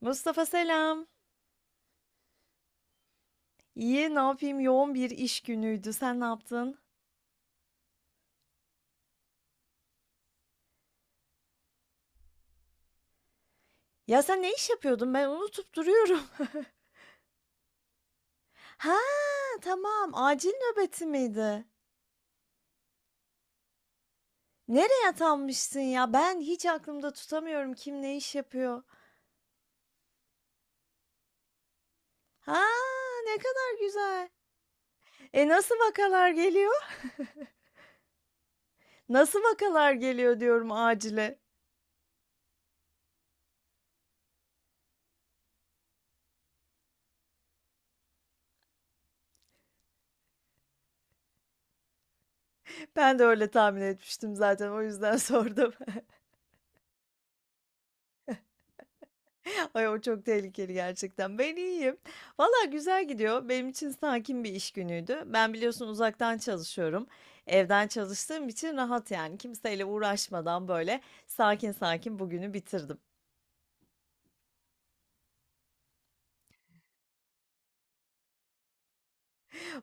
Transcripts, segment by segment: Mustafa selam. İyi, ne yapayım? Yoğun bir iş günüydü. Sen ne yaptın? Ya sen ne iş yapıyordun? Ben unutup duruyorum. Ha, tamam. Acil nöbeti miydi? Nereye atanmışsın ya? Ben hiç aklımda tutamıyorum kim ne iş yapıyor. Ha, ne kadar güzel. E nasıl vakalar geliyor? Nasıl vakalar geliyor diyorum acile. Ben de öyle tahmin etmiştim zaten. O yüzden sordum. Ay o çok tehlikeli gerçekten. Ben iyiyim. Valla güzel gidiyor. Benim için sakin bir iş günüydü. Ben biliyorsun uzaktan çalışıyorum. Evden çalıştığım için rahat yani. Kimseyle uğraşmadan böyle sakin sakin bugünü bitirdim.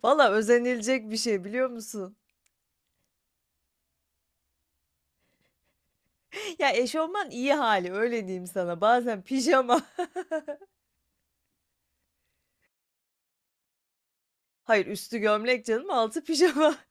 Valla özenilecek bir şey biliyor musun? Ya eşofman iyi hali öyle diyeyim sana. Bazen pijama. Hayır üstü gömlek canım altı pijama.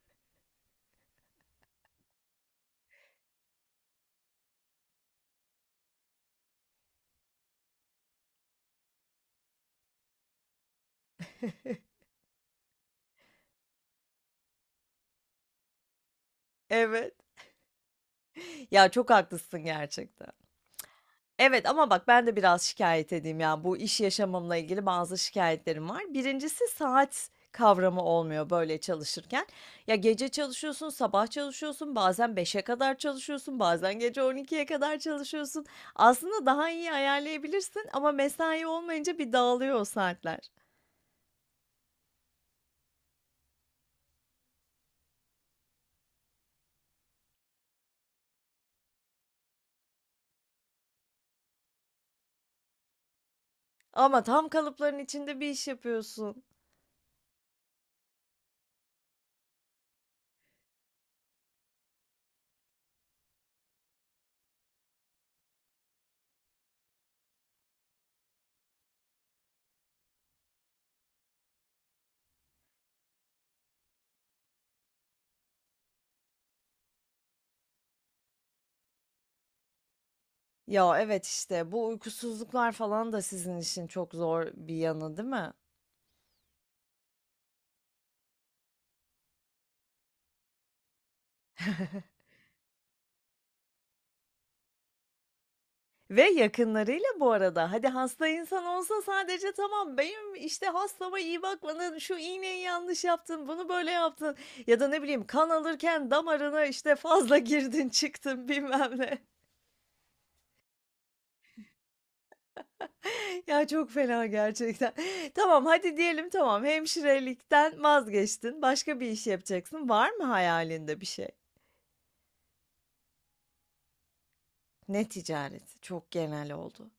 Evet. Ya çok haklısın gerçekten. Evet ama bak ben de biraz şikayet edeyim ya. Bu iş yaşamımla ilgili bazı şikayetlerim var. Birincisi saat kavramı olmuyor böyle çalışırken. Ya gece çalışıyorsun, sabah çalışıyorsun, bazen beşe kadar çalışıyorsun, bazen gece on ikiye kadar çalışıyorsun. Aslında daha iyi ayarlayabilirsin ama mesai olmayınca bir dağılıyor o saatler. Ama tam kalıpların içinde bir iş yapıyorsun. Ya evet işte bu uykusuzluklar falan da sizin için çok zor bir yanı, değil mi? Ve yakınlarıyla bu arada. Hadi hasta insan olsa sadece tamam benim işte hastama iyi bakmadın, şu iğneyi yanlış yaptın, bunu böyle yaptın ya da ne bileyim kan alırken damarına işte fazla girdin çıktın bilmem ne. Ya çok fena gerçekten. Tamam hadi diyelim tamam hemşirelikten vazgeçtin başka bir iş yapacaksın. Var mı hayalinde bir şey? Ne ticareti? Çok genel oldu.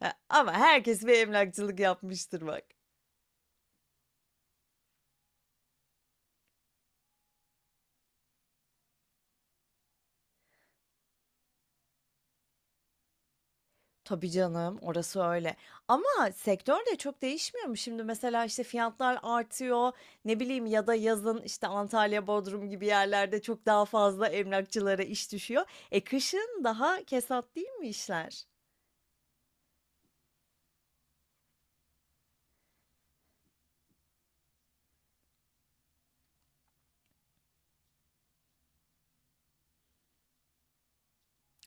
Ha, ama herkes bir emlakçılık yapmıştır bak. Tabii canım, orası öyle. Ama sektör de çok değişmiyor mu? Şimdi mesela, işte, fiyatlar artıyor, ne bileyim ya da yazın, işte, Antalya, Bodrum gibi yerlerde çok daha fazla emlakçılara iş düşüyor. E, kışın daha kesat değil mi işler?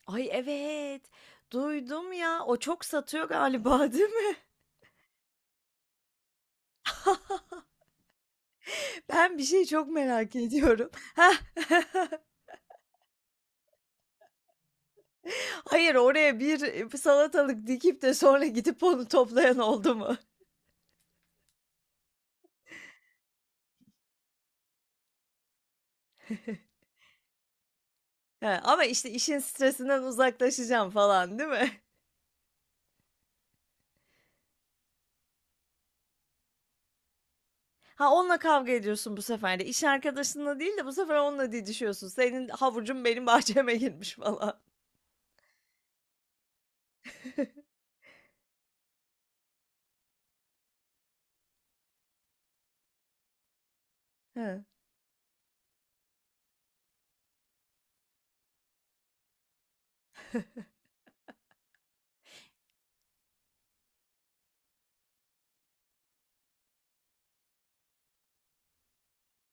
Ay, evet, duydum ya. O çok satıyor galiba, değil mi? Ben bir şey çok merak ediyorum. Heh, hayır, oraya bir, salatalık dikip de sonra gidip onu toplayan oldu mu? He, ama, işte, işin stresinden uzaklaşacağım falan, değil mi? Ha, onunla kavga ediyorsun bu sefer de. İş arkadaşınla değil de bu sefer onunla didişiyorsun. Senin havucun benim bahçeme girmiş falan. He.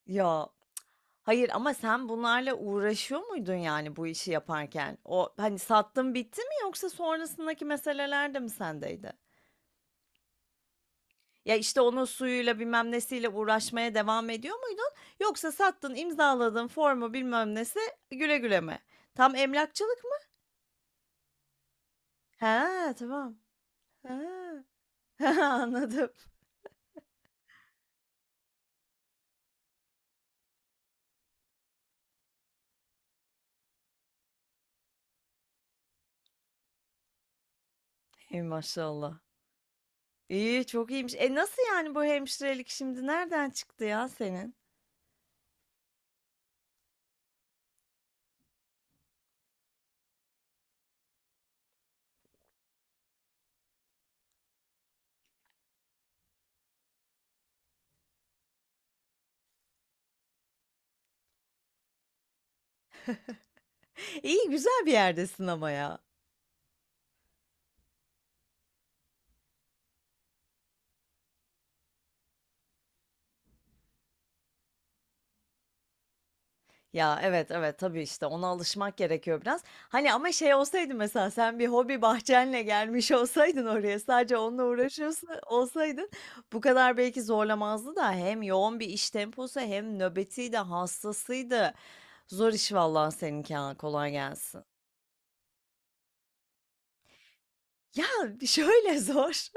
Ya, hayır ama sen bunlarla uğraşıyor muydun, yani, bu işi yaparken? O, hani, sattın bitti mi yoksa sonrasındaki meseleler de mi sendeydi? Ya, işte, onun suyuyla bilmem nesiyle uğraşmaya devam ediyor muydun yoksa sattın, imzaladın, formu bilmem nesi, güle güle mi? Tam emlakçılık. Ha, tamam. He. Anladım. Ey maşallah. İyi, çok iyiymiş. E nasıl yani bu hemşirelik şimdi nereden çıktı ya senin? İyi güzel bir yerdesin ama ya. Ya evet evet tabii işte ona alışmak gerekiyor biraz. Hani ama şey olsaydı mesela sen bir hobi bahçenle gelmiş olsaydın oraya sadece onunla uğraşıyorsun olsaydın bu kadar belki zorlamazdı da hem yoğun bir iş temposu hem nöbetiydi hastasıydı. Zor iş vallahi seninki ha kolay gelsin. Ya, şöyle zor.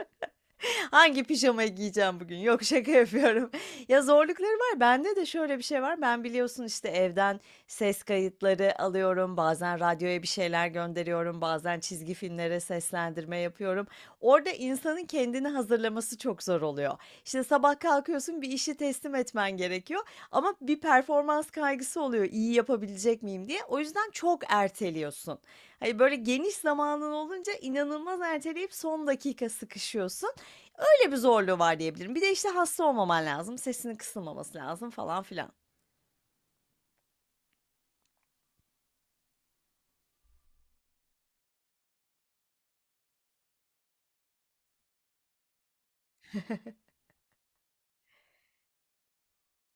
Hangi pijamayı giyeceğim bugün? Yok şaka yapıyorum. Ya zorlukları var. Bende de şöyle bir şey var. Ben biliyorsun işte evden ses kayıtları alıyorum. Bazen radyoya bir şeyler gönderiyorum. Bazen çizgi filmlere seslendirme yapıyorum. Orada insanın kendini hazırlaması çok zor oluyor. İşte sabah kalkıyorsun bir işi teslim etmen gerekiyor. Ama bir performans kaygısı oluyor. İyi yapabilecek miyim diye. O yüzden çok erteliyorsun. Hani böyle geniş zamanın olunca inanılmaz erteleyip son dakika sıkışıyorsun. Böyle bir zorluğu var diyebilirim. Bir de işte hasta olmaman lazım. Sesinin kısılmaması lazım falan filan.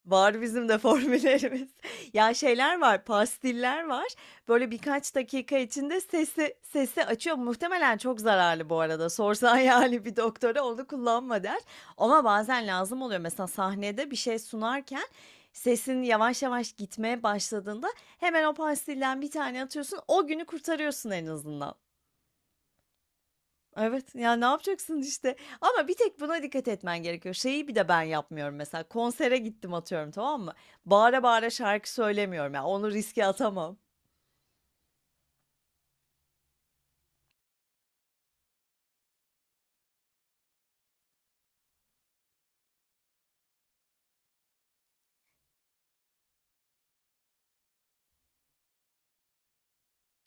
Var bizim de formüllerimiz. Ya şeyler var, pastiller var. Böyle birkaç dakika içinde sesi açıyor. Muhtemelen çok zararlı bu arada. Sorsan yani bir doktora onu kullanma der. Ama bazen lazım oluyor. Mesela sahnede bir şey sunarken sesin yavaş yavaş gitmeye başladığında hemen o pastilden bir tane atıyorsun. O günü kurtarıyorsun en azından. Evet, ya, ne yapacaksın işte ama bir tek buna dikkat etmen gerekiyor. Şeyi bir de ben yapmıyorum mesela konsere gittim atıyorum tamam mı? Bağıra bağıra şarkı söylemiyorum ya onu riske atamam.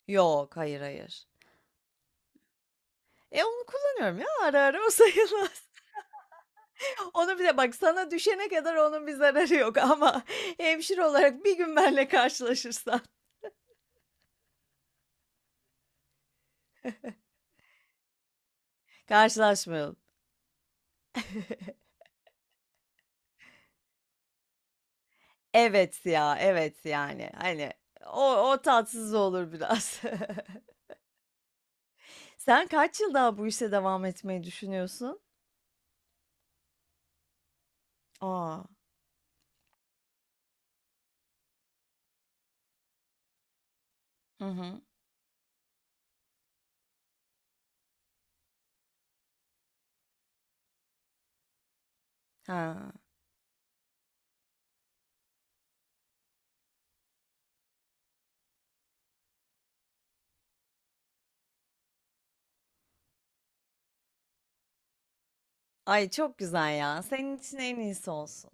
Yok hayır hayır. E onu kullanıyorum ya ara ara o sayılmaz. Onu bir de bak sana düşene kadar onun bir zararı yok ama hemşire olarak bir gün benle karşılaşırsan. Karşılaşmayalım. Evet ya evet yani hani o, o tatsız olur biraz. Sen kaç yıl daha bu işe devam etmeyi düşünüyorsun? Aa, hı hı. Ha. Ay, çok güzel ya. Senin için en iyisi olsun.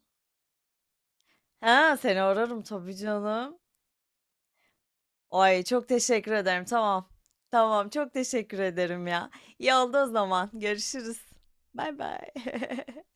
Ha, seni ararım tabii canım. Ay, çok teşekkür ederim. Tamam. Tamam, çok teşekkür ederim ya. İyi oldu o zaman. Görüşürüz. Baybay.